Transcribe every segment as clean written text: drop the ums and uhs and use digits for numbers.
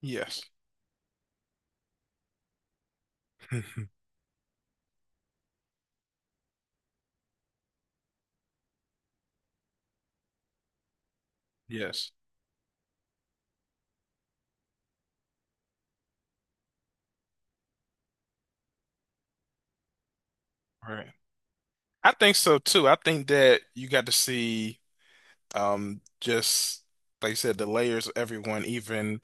Yes. Yes. Right. I think so too. I think that you got to see just like you said, the layers of everyone, even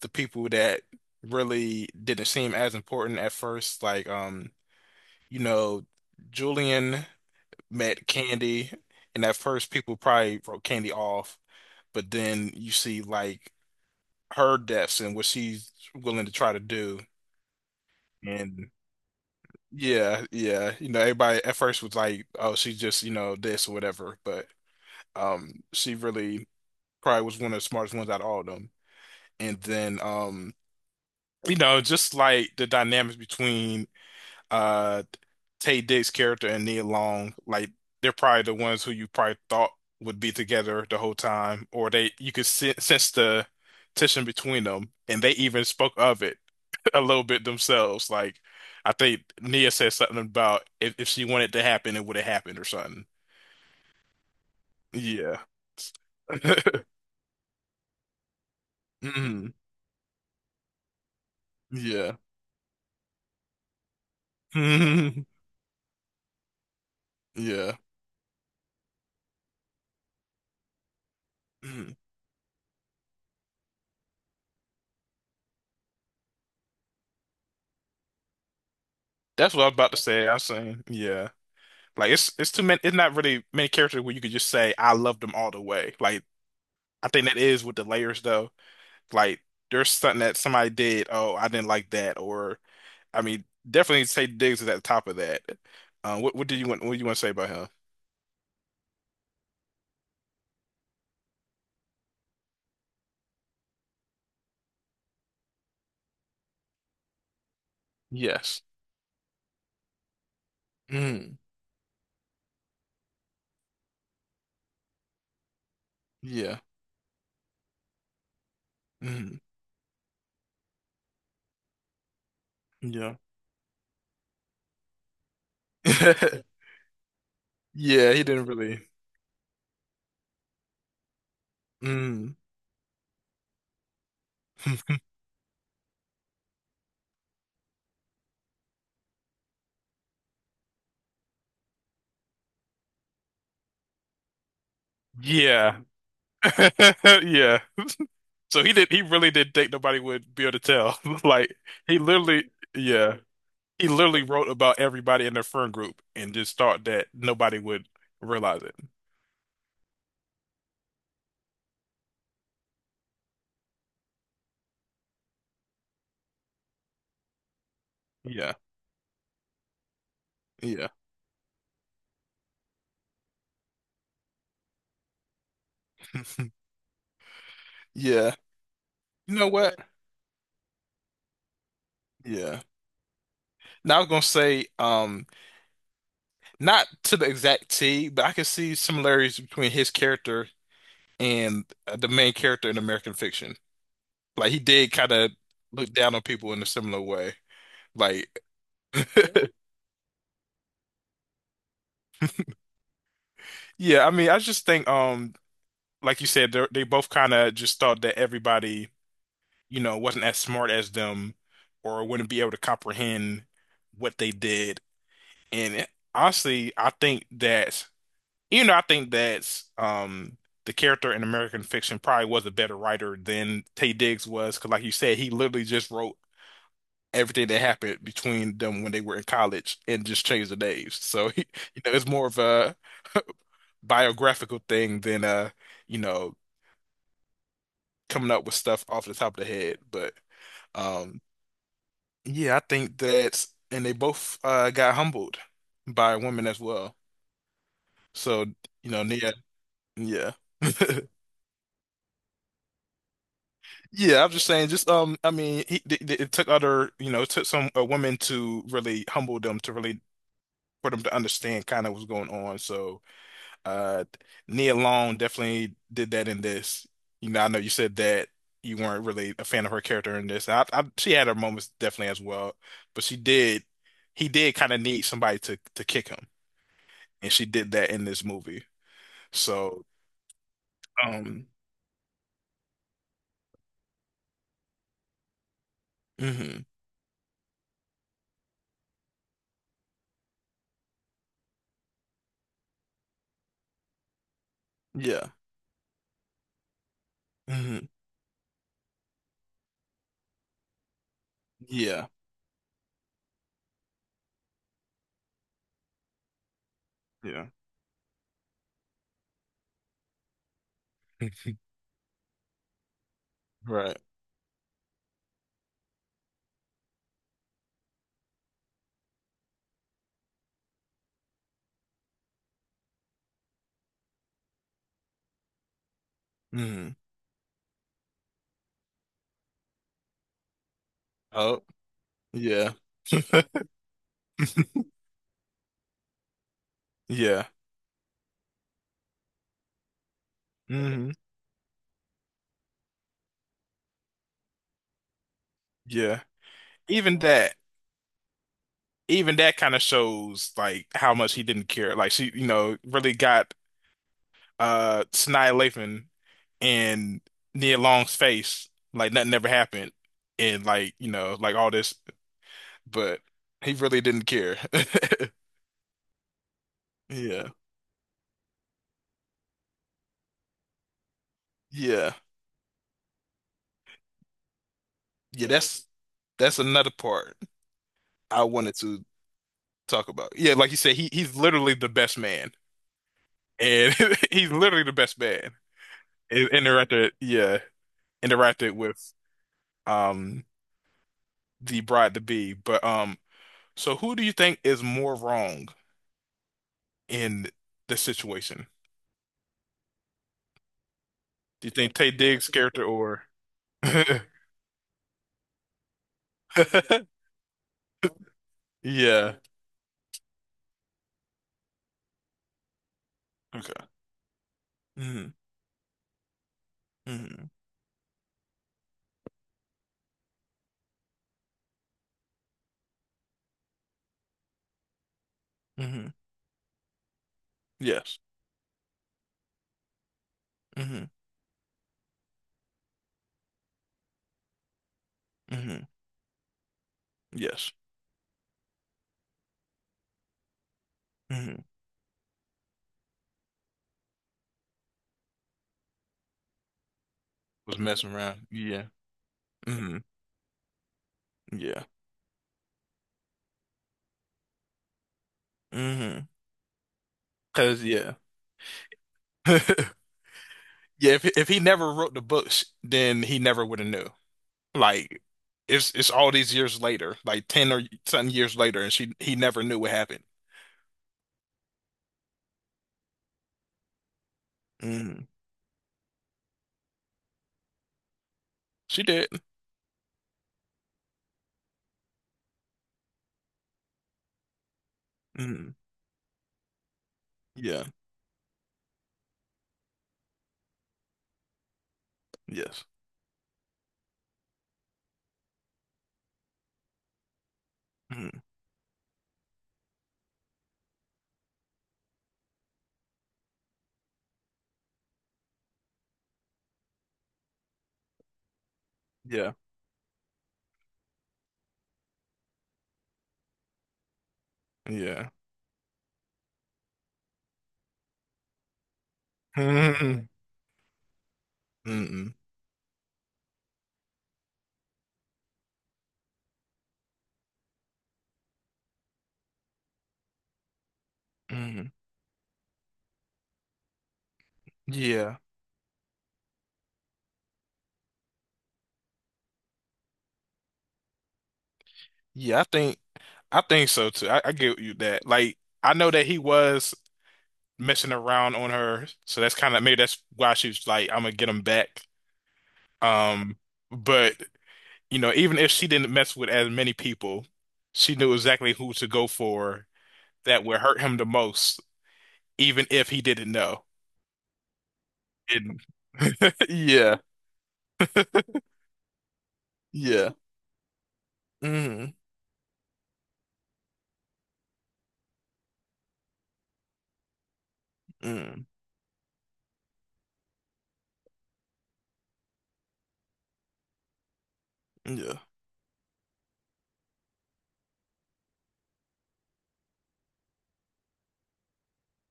the people that really didn't seem as important at first. Like you know, Julian met Candy, and at first people probably wrote Candy off, but then you see like her depths and what she's willing to try to do. Yeah. You know, everybody at first was like, "Oh, she's just, you know, this or whatever," but she really probably was one of the smartest ones out of all of them. And then you know, just like the dynamics between uh Tay Dick's character and Nia Long, like they're probably the ones who you probably thought would be together the whole time, or they you could sense the tension between them, and they even spoke of it a little bit themselves. Like I think Nia said something about if she wanted to happen, it would have happened or something. Yeah. Mhm. Yeah. Mhm. Yeah. Mhm. That's what I was about to say. I was saying, yeah. Like it's too many, it's not really many characters where you could just say I love them all the way. Like I think that is with the layers though. Like there's something that somebody did, oh, I didn't like that, or I mean, definitely say Diggs is at the top of that. What do you want what do you want to say about him? Yes. Mm. Yeah. Mm. Yeah. Yeah, he didn't really. Mm. Yeah. Yeah. So he really didn't think nobody would be able to tell. Like he literally yeah. He literally wrote about everybody in their friend group and just thought that nobody would realize it. Yeah. Yeah. Yeah. You know what? Yeah. Now I was gonna say, not to the exact T, but I can see similarities between his character and the main character in American Fiction. Like he did kind of look down on people in a similar way. Like, yeah. I mean, I just think, like you said, they both kind of just thought that everybody, you know, wasn't as smart as them, or wouldn't be able to comprehend what they did. And honestly, I think that. You know, I think that's, the character in American fiction probably was a better writer than Tay Diggs was, because like you said, he literally just wrote everything that happened between them when they were in college and just changed the names. So you know, it's more of a biographical thing than you know, coming up with stuff off the top of the head. But um, yeah, I think that's, and they both got humbled by women as well. So you know, Nia, yeah. Yeah, I'm just saying, just I mean, it took other, you know, it took some women to really humble them to really for them to understand kind of what's going on. So, uh, Nia Long definitely did that in this. You know, I know you said that you weren't really a fan of her character in this. I she had her moments definitely as well, but she did, he did kind of need somebody to kick him, and she did that in this movie. So, um, mhm. Yeah, hmm yeah, yeah, right. Mhm. Oh, yeah. Yeah. Hmm. Yeah. Even that, even that kind of shows like how much he didn't care. Like she, you know, really got Sanaa Lathan and Nia Long's face like nothing ever happened and like, you know, like all this, but he really didn't care. Yeah. Yeah. Yeah, that's another part I wanted to talk about. Yeah, like you said, he he's literally the best man. And he's literally the best man. It interacted, yeah, interacted with um the bride to be. But so who do you think is more wrong in the situation? Do you think Tay Diggs' character or yeah. Okay. Hmm. Hmm. Hmm. Yes. Hmm. Hmm. Yes. Hmm. Was messing around. Yeah. Hmm. Yeah. Hmm. Cause yeah. Yeah, if he never wrote the books, then he never would have knew. Like it's all these years later, like ten or something years later, and she he never knew what happened. Mm, she did. Mm, yeah. Yes. Mm, yeah. Yeah. Mm, mm, mm, yeah. Yeah. I think so too. I get you that. Like I know that he was messing around on her, so that's kind of maybe that's why she was like, I'm gonna get him back. Um, but you know, even if she didn't mess with as many people, she knew exactly who to go for that would hurt him the most, even if he didn't know. And yeah, yeah. Mm, mm, yeah.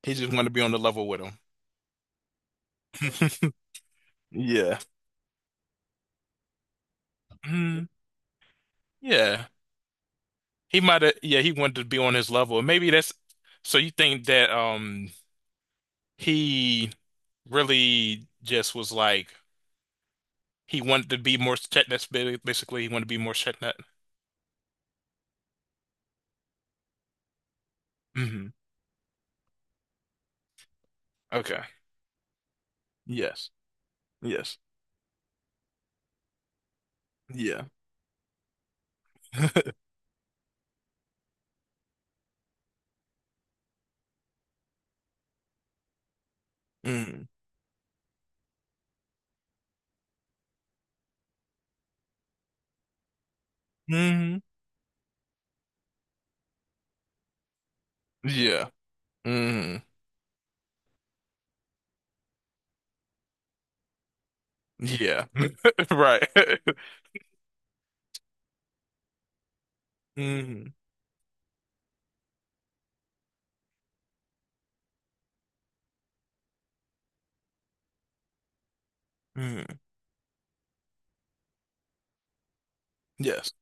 He just wanted to be on the level with him. Yeah. Mm, yeah. He might have, yeah, he wanted to be on his level. Maybe that's, so you think that he really just was like he wanted to be more Chetnut, basically he wanted to be more Chetnut. Hmm. Okay. Yes. Yes. Yeah. Mm. Hmm. Yeah. Mm, yeah. Right. Mm, mm, yes.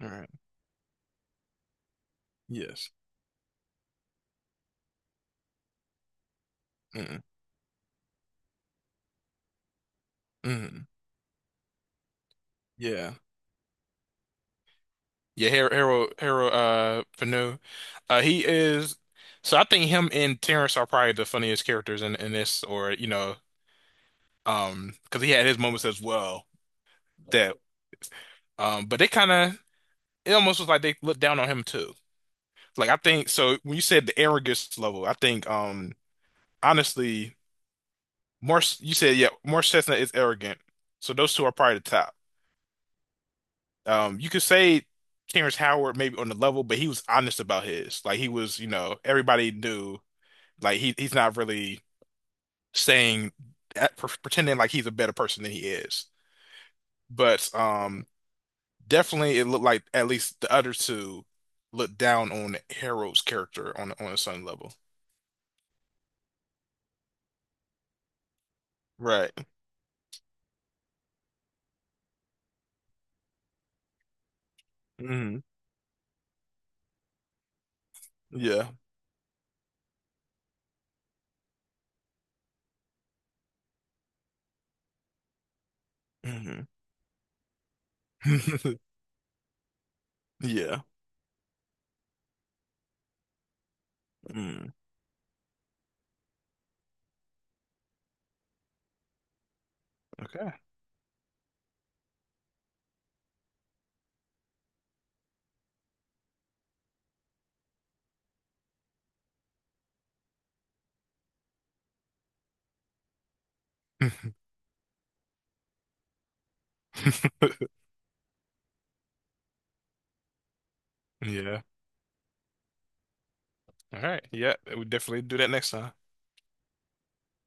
All right. Yes. Mm, mm, yeah. Yeah, Harold Panu. He is so I think him and Terrence are probably the funniest characters in this or you know because he had his moments as well that but they kind of it almost was like they looked down on him too. Like I think so when you said the arrogance level, I think honestly Morse, you said, yeah, Morse Chestnut is arrogant. So those two are probably the top. You could say Terrence Howard maybe on the level, but he was honest about his. Like he was, you know, everybody knew. Like he's not really saying that, pretending like he's a better person than he is. But definitely it looked like at least the other two looked down on Harold's character on a certain level. Right. Hmm. Yeah. Hmm. Yeah. Mm. Okay. Yeah. All right. Yeah, we definitely do that next time.